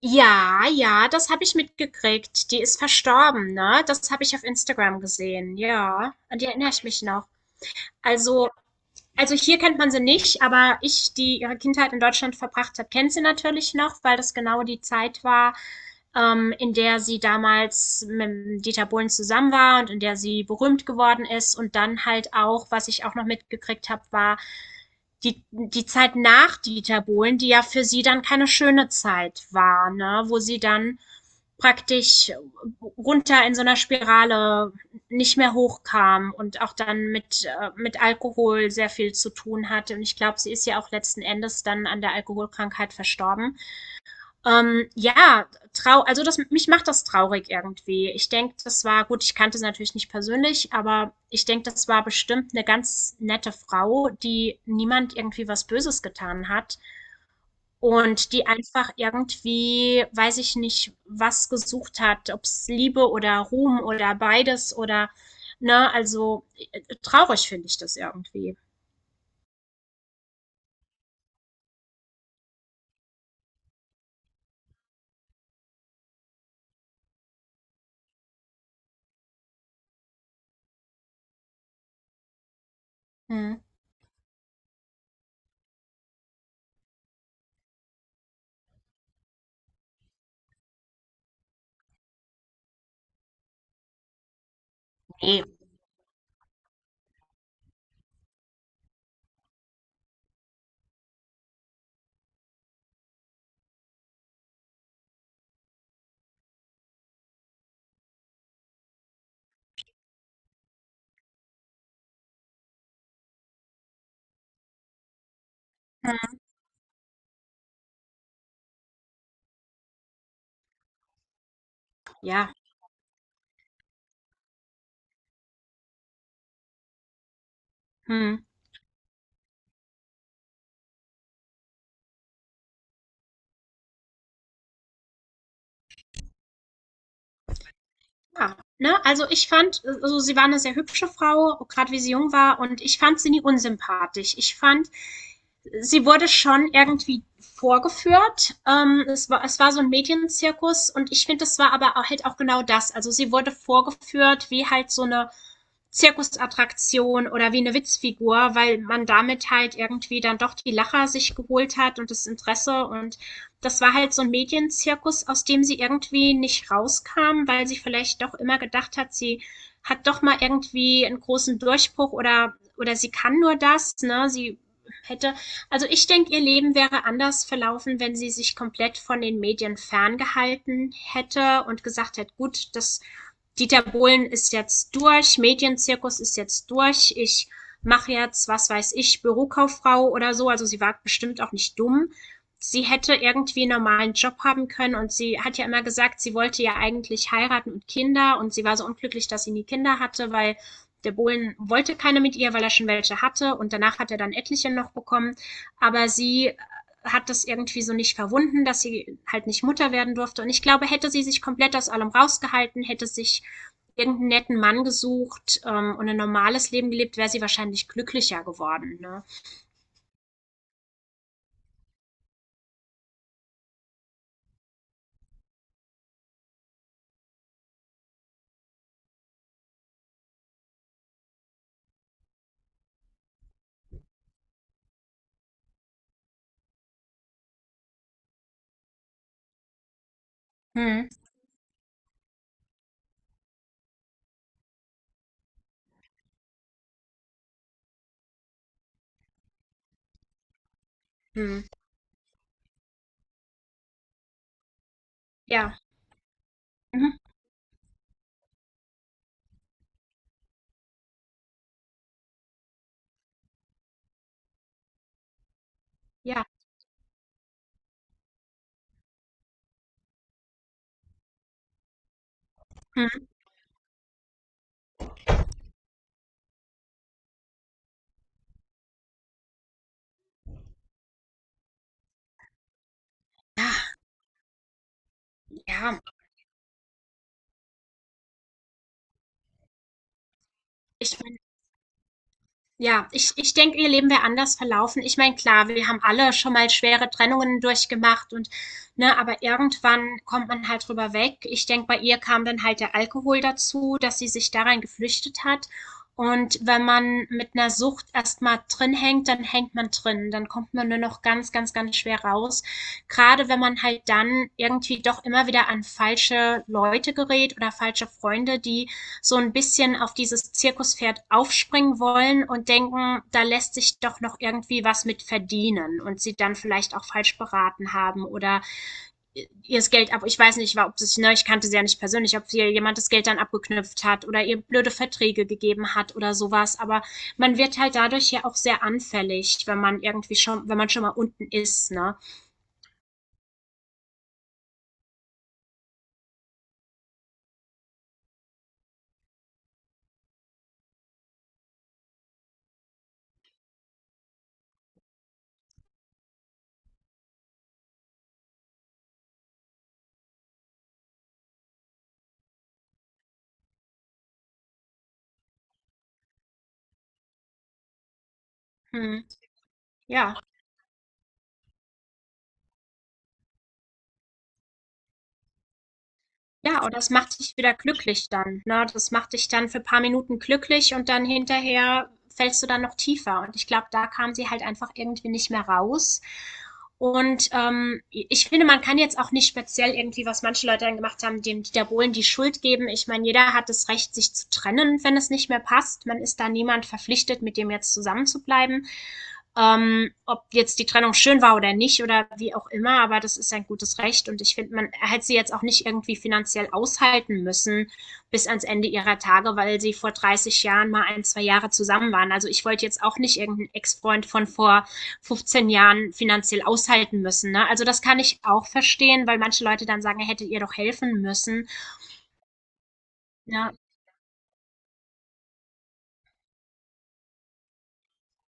Ja, ja, das habe ich mitgekriegt. Die ist verstorben, ne? Das habe ich auf Instagram gesehen. Ja, an die erinnere ich mich noch. Also also hier kennt man sie nicht, aber ich, die ihre Kindheit in Deutschland verbracht hat, kennt sie natürlich noch, weil das genau die Zeit war, in der sie damals mit Dieter Bohlen zusammen war und in der sie berühmt geworden ist. Und dann halt auch, was ich auch noch mitgekriegt habe, war die Zeit nach Dieter Bohlen, die ja für sie dann keine schöne Zeit war, ne? Wo sie dann praktisch runter in so einer Spirale nicht mehr hochkam und auch dann mit Alkohol sehr viel zu tun hatte. Und ich glaube, sie ist ja auch letzten Endes dann an der Alkoholkrankheit verstorben. Ja, mich macht das traurig irgendwie. Ich denke, das war, gut, ich kannte sie natürlich nicht persönlich, aber ich denke, das war bestimmt eine ganz nette Frau, die niemand irgendwie was Böses getan hat. Und die einfach irgendwie, weiß ich nicht, was gesucht hat, ob es Liebe oder Ruhm oder beides oder ne, also traurig finde ich das irgendwie. Mhm. Ne. Mhm. Ja. Mhm. Ja, ne? Also, ich fand also, sie war eine sehr hübsche Frau, gerade wie sie jung war und ich fand sie nie unsympathisch. Ich fand sie wurde schon irgendwie vorgeführt. Es war so ein Medienzirkus und ich finde, es war aber halt auch genau das. Also sie wurde vorgeführt wie halt so eine Zirkusattraktion oder wie eine Witzfigur, weil man damit halt irgendwie dann doch die Lacher sich geholt hat und das Interesse. Und das war halt so ein Medienzirkus, aus dem sie irgendwie nicht rauskam, weil sie vielleicht doch immer gedacht hat, sie hat doch mal irgendwie einen großen Durchbruch oder sie kann nur das, ne? Sie hätte, also ich denke, ihr Leben wäre anders verlaufen, wenn sie sich komplett von den Medien ferngehalten hätte und gesagt hätte, gut, das Dieter Bohlen ist jetzt durch, Medienzirkus ist jetzt durch, ich mache jetzt, was weiß ich, Bürokauffrau oder so. Also sie war bestimmt auch nicht dumm. Sie hätte irgendwie einen normalen Job haben können und sie hat ja immer gesagt, sie wollte ja eigentlich heiraten und Kinder und sie war so unglücklich, dass sie nie Kinder hatte, weil der Bohlen wollte keine mit ihr, weil er schon welche hatte und danach hat er dann etliche noch bekommen. Aber sie hat das irgendwie so nicht verwunden, dass sie halt nicht Mutter werden durfte. Und ich glaube, hätte sie sich komplett aus allem rausgehalten, hätte sich irgendeinen netten Mann gesucht und ein normales Leben gelebt, wäre sie wahrscheinlich glücklicher geworden. Ne? Hm. Hm. Ja. Mhm. Ja. Hm. Ja. Ja. Ich meine, Ja, ich denke, ihr Leben wäre anders verlaufen. Ich meine, klar, wir haben alle schon mal schwere Trennungen durchgemacht und ne, aber irgendwann kommt man halt drüber weg. Ich denke, bei ihr kam dann halt der Alkohol dazu, dass sie sich da geflüchtet hat. Und wenn man mit einer Sucht erstmal drin hängt, dann hängt man drin. Dann kommt man nur noch ganz, ganz, ganz schwer raus. Gerade wenn man halt dann irgendwie doch immer wieder an falsche Leute gerät oder falsche Freunde, die so ein bisschen auf dieses Zirkuspferd aufspringen wollen und denken, da lässt sich doch noch irgendwie was mit verdienen und sie dann vielleicht auch falsch beraten haben oder ihr das Geld ab, ich weiß nicht, ob es, ne, ich kannte sie ja nicht persönlich, ob ihr jemand das Geld dann abgeknüpft hat oder ihr blöde Verträge gegeben hat oder sowas, aber man wird halt dadurch ja auch sehr anfällig, wenn man irgendwie schon, wenn man schon mal unten ist, ne? Hm, ja. Ja, und das macht dich wieder glücklich dann, ne? Das macht dich dann für paar Minuten glücklich und dann hinterher fällst du dann noch tiefer. Und ich glaube, da kam sie halt einfach irgendwie nicht mehr raus. Und ich finde, man kann jetzt auch nicht speziell irgendwie, was manche Leute dann gemacht haben, dem Dieter Bohlen die Schuld geben. Ich meine, jeder hat das Recht, sich zu trennen, wenn es nicht mehr passt. Man ist da niemand verpflichtet, mit dem jetzt zusammen zu bleiben ob jetzt die Trennung schön war oder nicht oder wie auch immer, aber das ist ein gutes Recht und ich finde, man hätte sie jetzt auch nicht irgendwie finanziell aushalten müssen bis ans Ende ihrer Tage, weil sie vor 30 Jahren mal ein, zwei Jahre zusammen waren. Also ich wollte jetzt auch nicht irgendeinen Ex-Freund von vor 15 Jahren finanziell aushalten müssen. Ne? Also das kann ich auch verstehen, weil manche Leute dann sagen, er hätte ihr doch helfen müssen. Ja.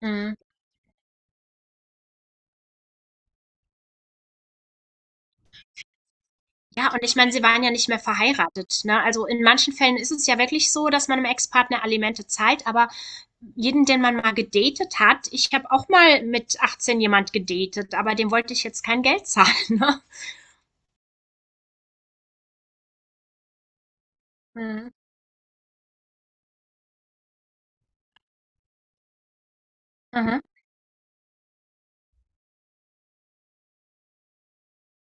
Mhm. Ja, und ich meine, sie waren ja nicht mehr verheiratet, ne? Also in manchen Fällen ist es ja wirklich so, dass man dem Ex-Partner Alimente zahlt, aber jeden, den man mal gedatet hat, ich habe auch mal mit 18 jemand gedatet, aber dem wollte ich jetzt kein Geld zahlen, ne? Mhm. Mhm.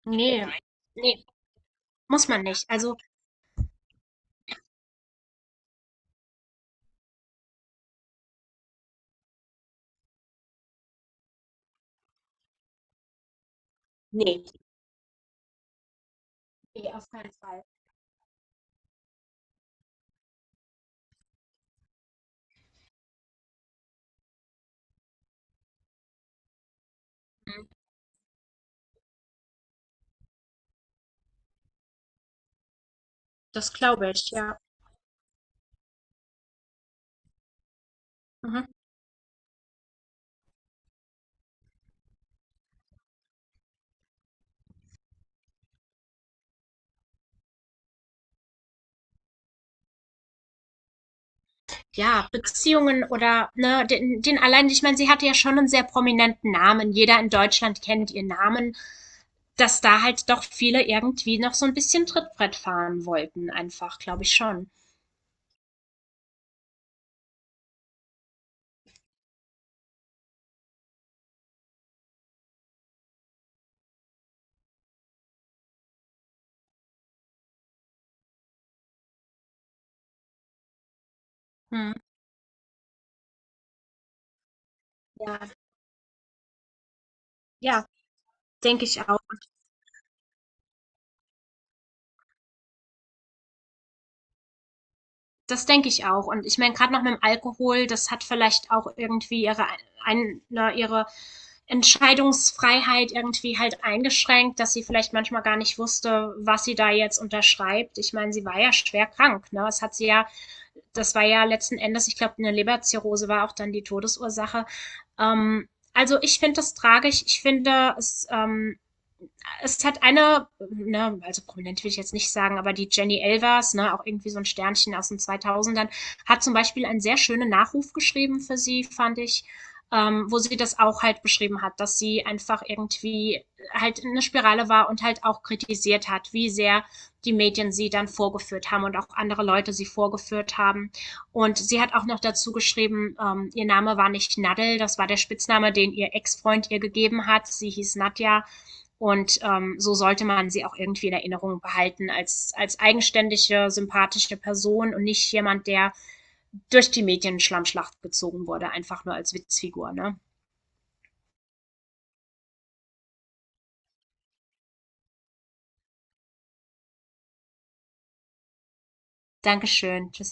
Nee. Nee, muss man nicht. Also, nee. Nee, auf keinen Fall. Mhm. Das glaube ich, ja. Mhm. Ja, Beziehungen oder ne, den allein, ich meine, sie hatte ja schon einen sehr prominenten Namen. Jeder in Deutschland kennt ihren Namen. Dass da halt doch viele irgendwie noch so ein bisschen Trittbrett fahren wollten, einfach, glaube ich schon. Hm. Ja, ja, denke ich auch. Das denke ich auch. Und ich meine, gerade noch mit dem Alkohol, das hat vielleicht auch irgendwie ihre, ihre Entscheidungsfreiheit irgendwie halt eingeschränkt, dass sie vielleicht manchmal gar nicht wusste, was sie da jetzt unterschreibt. Ich meine, sie war ja schwer krank. Ne? Das war ja letzten Endes, ich glaube, eine Leberzirrhose war auch dann die Todesursache. Ähm, also ich finde das tragisch. Ich finde es es hat eine, ne, also prominent will ich jetzt nicht sagen, aber die Jenny Elvers, ne, auch irgendwie so ein Sternchen aus den zweitausendern, hat zum Beispiel einen sehr schönen Nachruf geschrieben für sie, fand ich, wo sie das auch halt beschrieben hat, dass sie einfach irgendwie halt in eine Spirale war und halt auch kritisiert hat, wie sehr die Medien sie dann vorgeführt haben und auch andere Leute sie vorgeführt haben. Und sie hat auch noch dazu geschrieben, ihr Name war nicht Nadel, das war der Spitzname, den ihr Ex-Freund ihr gegeben hat. Sie hieß Nadja und so sollte man sie auch irgendwie in Erinnerung behalten als, als eigenständige, sympathische Person und nicht jemand, der durch die Medien-Schlammschlacht gezogen wurde, einfach nur als Witzfigur. Ne? Dankeschön. Tschüss.